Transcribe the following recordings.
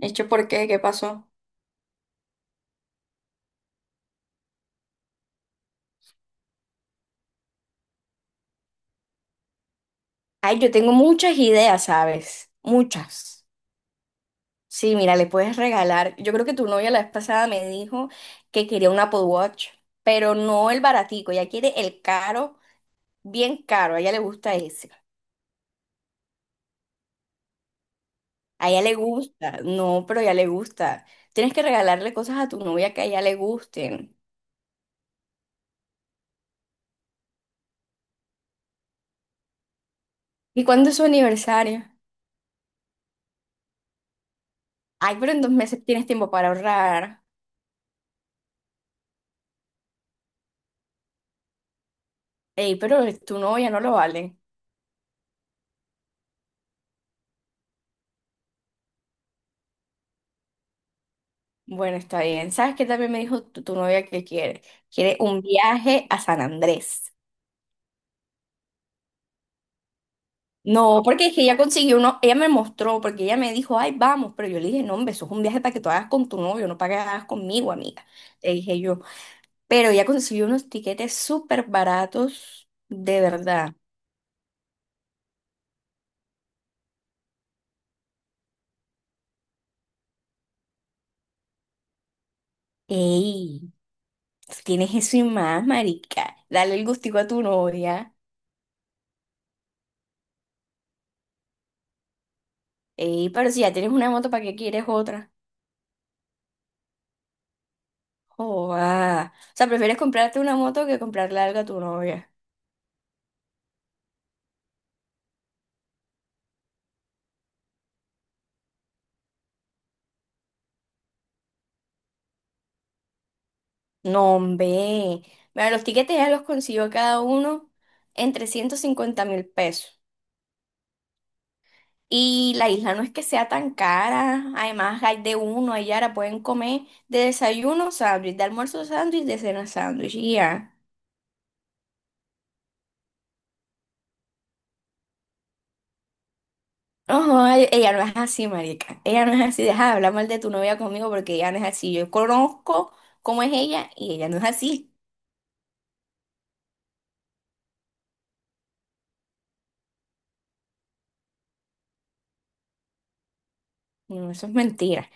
Hecho, ¿por qué? ¿Qué pasó? Ay, yo tengo muchas ideas, ¿sabes? Muchas. Sí, mira, le puedes regalar. Yo creo que tu novia la vez pasada me dijo que quería un Apple Watch, pero no el baratico. Ella quiere el caro, bien caro. A ella le gusta ese. A ella le gusta. No, pero a ella le gusta. Tienes que regalarle cosas a tu novia que a ella le gusten. ¿Y cuándo es su aniversario? Ay, pero en 2 meses tienes tiempo para ahorrar. Ey, pero tu novia no lo vale. Bueno, está bien. ¿Sabes qué también me dijo tu novia que quiere? Quiere un viaje a San Andrés. No, porque es que ella consiguió uno, ella me mostró, porque ella me dijo, ay, vamos, pero yo le dije, no, hombre, eso es un viaje para que tú hagas con tu novio, no para que hagas conmigo, amiga, le dije yo. Pero ella consiguió unos tiquetes súper baratos, de verdad. Ey, tú tienes eso y más, marica. Dale el gustico a tu novia. Ey, pero si ya tienes una moto, ¿para qué quieres otra? Joda. O sea, prefieres comprarte una moto que comprarle algo a tu novia. No, hombre. Mira, los tiquetes ya los consiguió cada uno en 350.000 pesos. Y la isla no es que sea tan cara. Además, hay de uno, allá ahora pueden comer de desayuno sándwich, de almuerzo sándwich, de cena sándwich. Y ya. Ojo, ella no es así, marica. Ella no es así. Deja de hablar mal de tu novia conmigo porque ella no es así. Yo conozco cómo es ella y ella no es así. No, eso es mentira.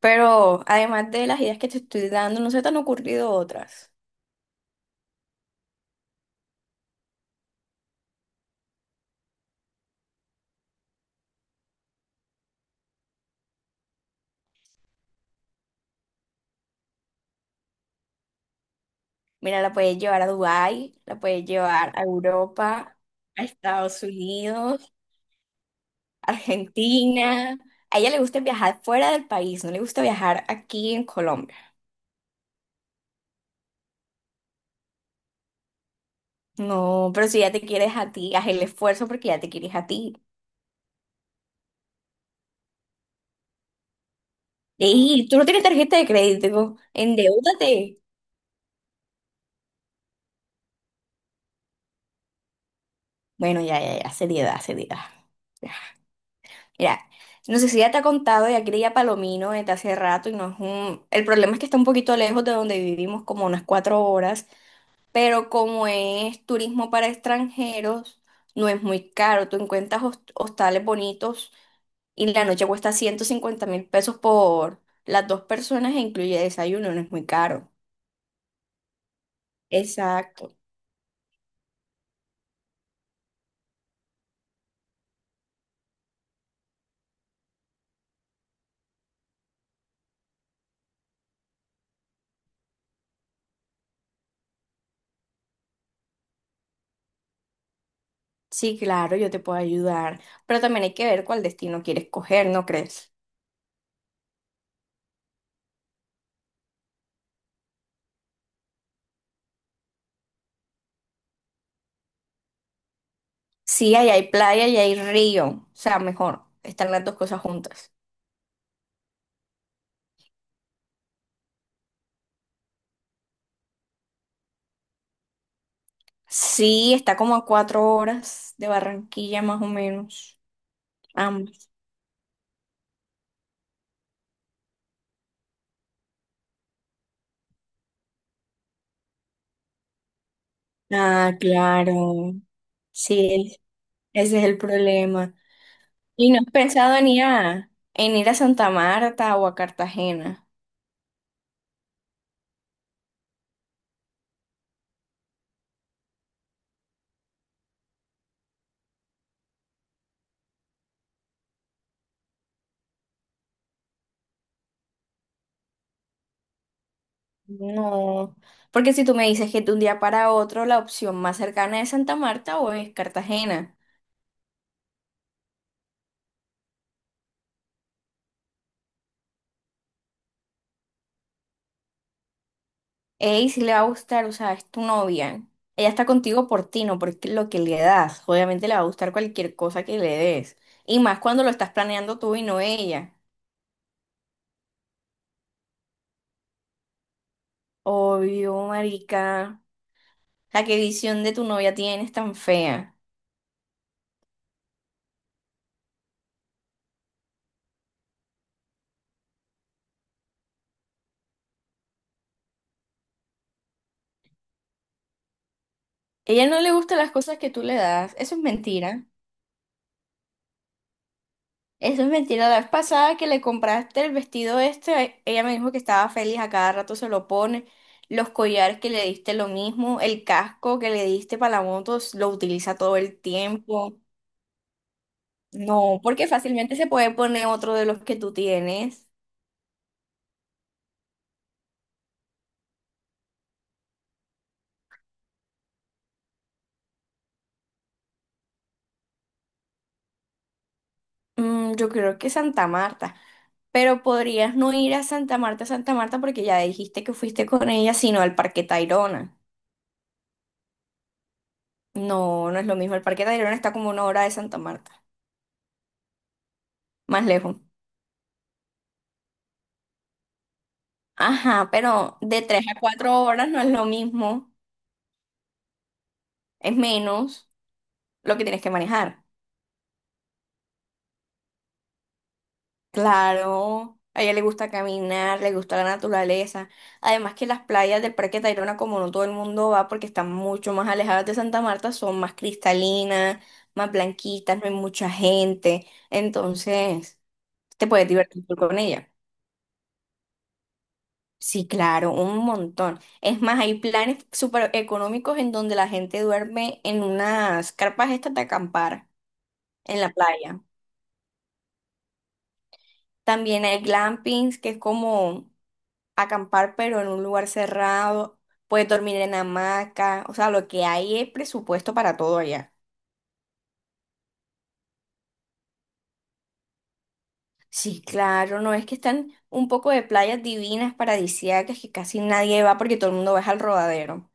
Pero además de las ideas que te estoy dando, no se te han ocurrido otras. Mira, la puedes llevar a Dubái, la puedes llevar a Europa, a Estados Unidos, Argentina. A ella le gusta viajar fuera del país, no le gusta viajar aquí en Colombia. No, pero si ya te quieres a ti, haz el esfuerzo porque ya te quieres a ti. Y tú no tienes tarjeta de crédito, endeúdate. Bueno, ya, ya, ya, seriedad, seriedad. Mira, no sé si ya te ha contado, ya quería Palomino desde hace rato y no es un... El problema es que está un poquito lejos de donde vivimos, como unas 4 horas, pero como es turismo para extranjeros, no es muy caro. Tú encuentras hostales bonitos y la noche cuesta 150.000 pesos por las 2 personas e incluye desayuno, no es muy caro. Exacto. Sí, claro, yo te puedo ayudar, pero también hay que ver cuál destino quieres coger, ¿no crees? Sí, ahí hay playa y hay río. O sea, mejor, están las dos cosas juntas. Sí, está como a 4 horas de Barranquilla más o menos. Ambas. Ah, claro. Sí, ese es el problema. ¿Y no has pensado en ir a Santa Marta o a Cartagena? No, porque si tú me dices que de un día para otro la opción más cercana es Santa Marta o es Cartagena. Ey, si le va a gustar, o sea, es tu novia. Ella está contigo por ti, no por lo que le das. Obviamente le va a gustar cualquier cosa que le des. Y más cuando lo estás planeando tú y no ella. Obvio, marica. La que visión de tu novia tienes tan fea. Ella no le gusta las cosas que tú le das. Eso es mentira. Eso es mentira. La vez pasada que le compraste el vestido este, ella me dijo que estaba feliz, a cada rato se lo pone. Los collares que le diste lo mismo, el casco que le diste para la moto lo utiliza todo el tiempo. No, porque fácilmente se puede poner otro de los que tú tienes. Mm, yo creo que Santa Marta. Pero podrías no ir a Santa Marta, Santa Marta, porque ya dijiste que fuiste con ella, sino al Parque Tayrona. No, no es lo mismo. El Parque Tayrona está como una hora de Santa Marta, más lejos. Ajá, pero de 3 a 4 horas no es lo mismo, es menos lo que tienes que manejar. Claro, a ella le gusta caminar, le gusta la naturaleza. Además que las playas del Parque Tayrona, como no todo el mundo va porque están mucho más alejadas de Santa Marta, son más cristalinas, más blanquitas, no hay mucha gente. Entonces, te puedes divertir tú con ella. Sí, claro, un montón. Es más, hay planes súper económicos en donde la gente duerme en unas carpas estas de acampar en la playa. También hay glampings, que es como acampar, pero en un lugar cerrado. Puedes dormir en hamaca. O sea, lo que hay es presupuesto para todo allá. Sí, claro, no es que están un poco de playas divinas, paradisíacas, que casi nadie va porque todo el mundo va es al rodadero.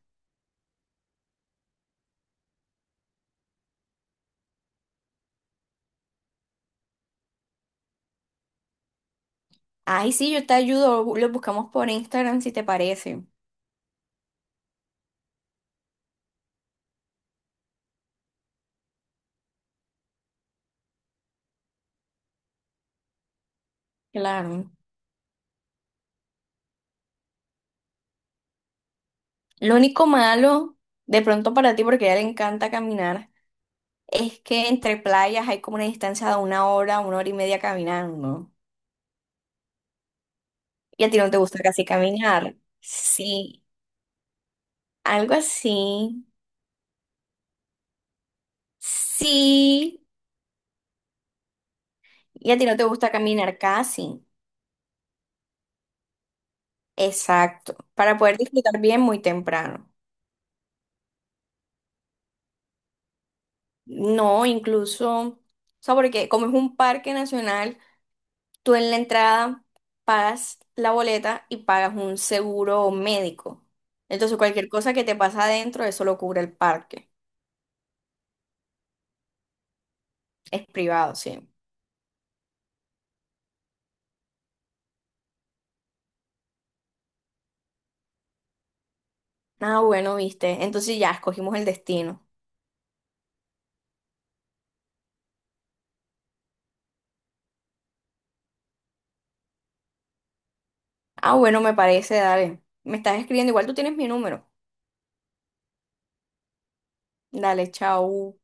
Ay, sí, yo te ayudo, lo buscamos por Instagram si te parece. Claro. Lo único malo, de pronto para ti, porque a ella le encanta caminar. Es que entre playas hay como una distancia de una hora, 1 hora y media caminando. Y a ti no te gusta casi caminar. Sí, algo así. Sí, y a ti no te gusta caminar casi. Exacto. Para poder disfrutar bien muy temprano. No, incluso, o sea, porque como es un parque nacional, tú en la entrada pagas la boleta y pagas un seguro médico. Entonces, cualquier cosa que te pasa adentro, eso lo cubre el parque. Es privado, sí. Ah, bueno, viste. Entonces ya escogimos el destino. Ah, bueno, me parece, dale. Me estás escribiendo, igual tú tienes mi número. Dale, chao.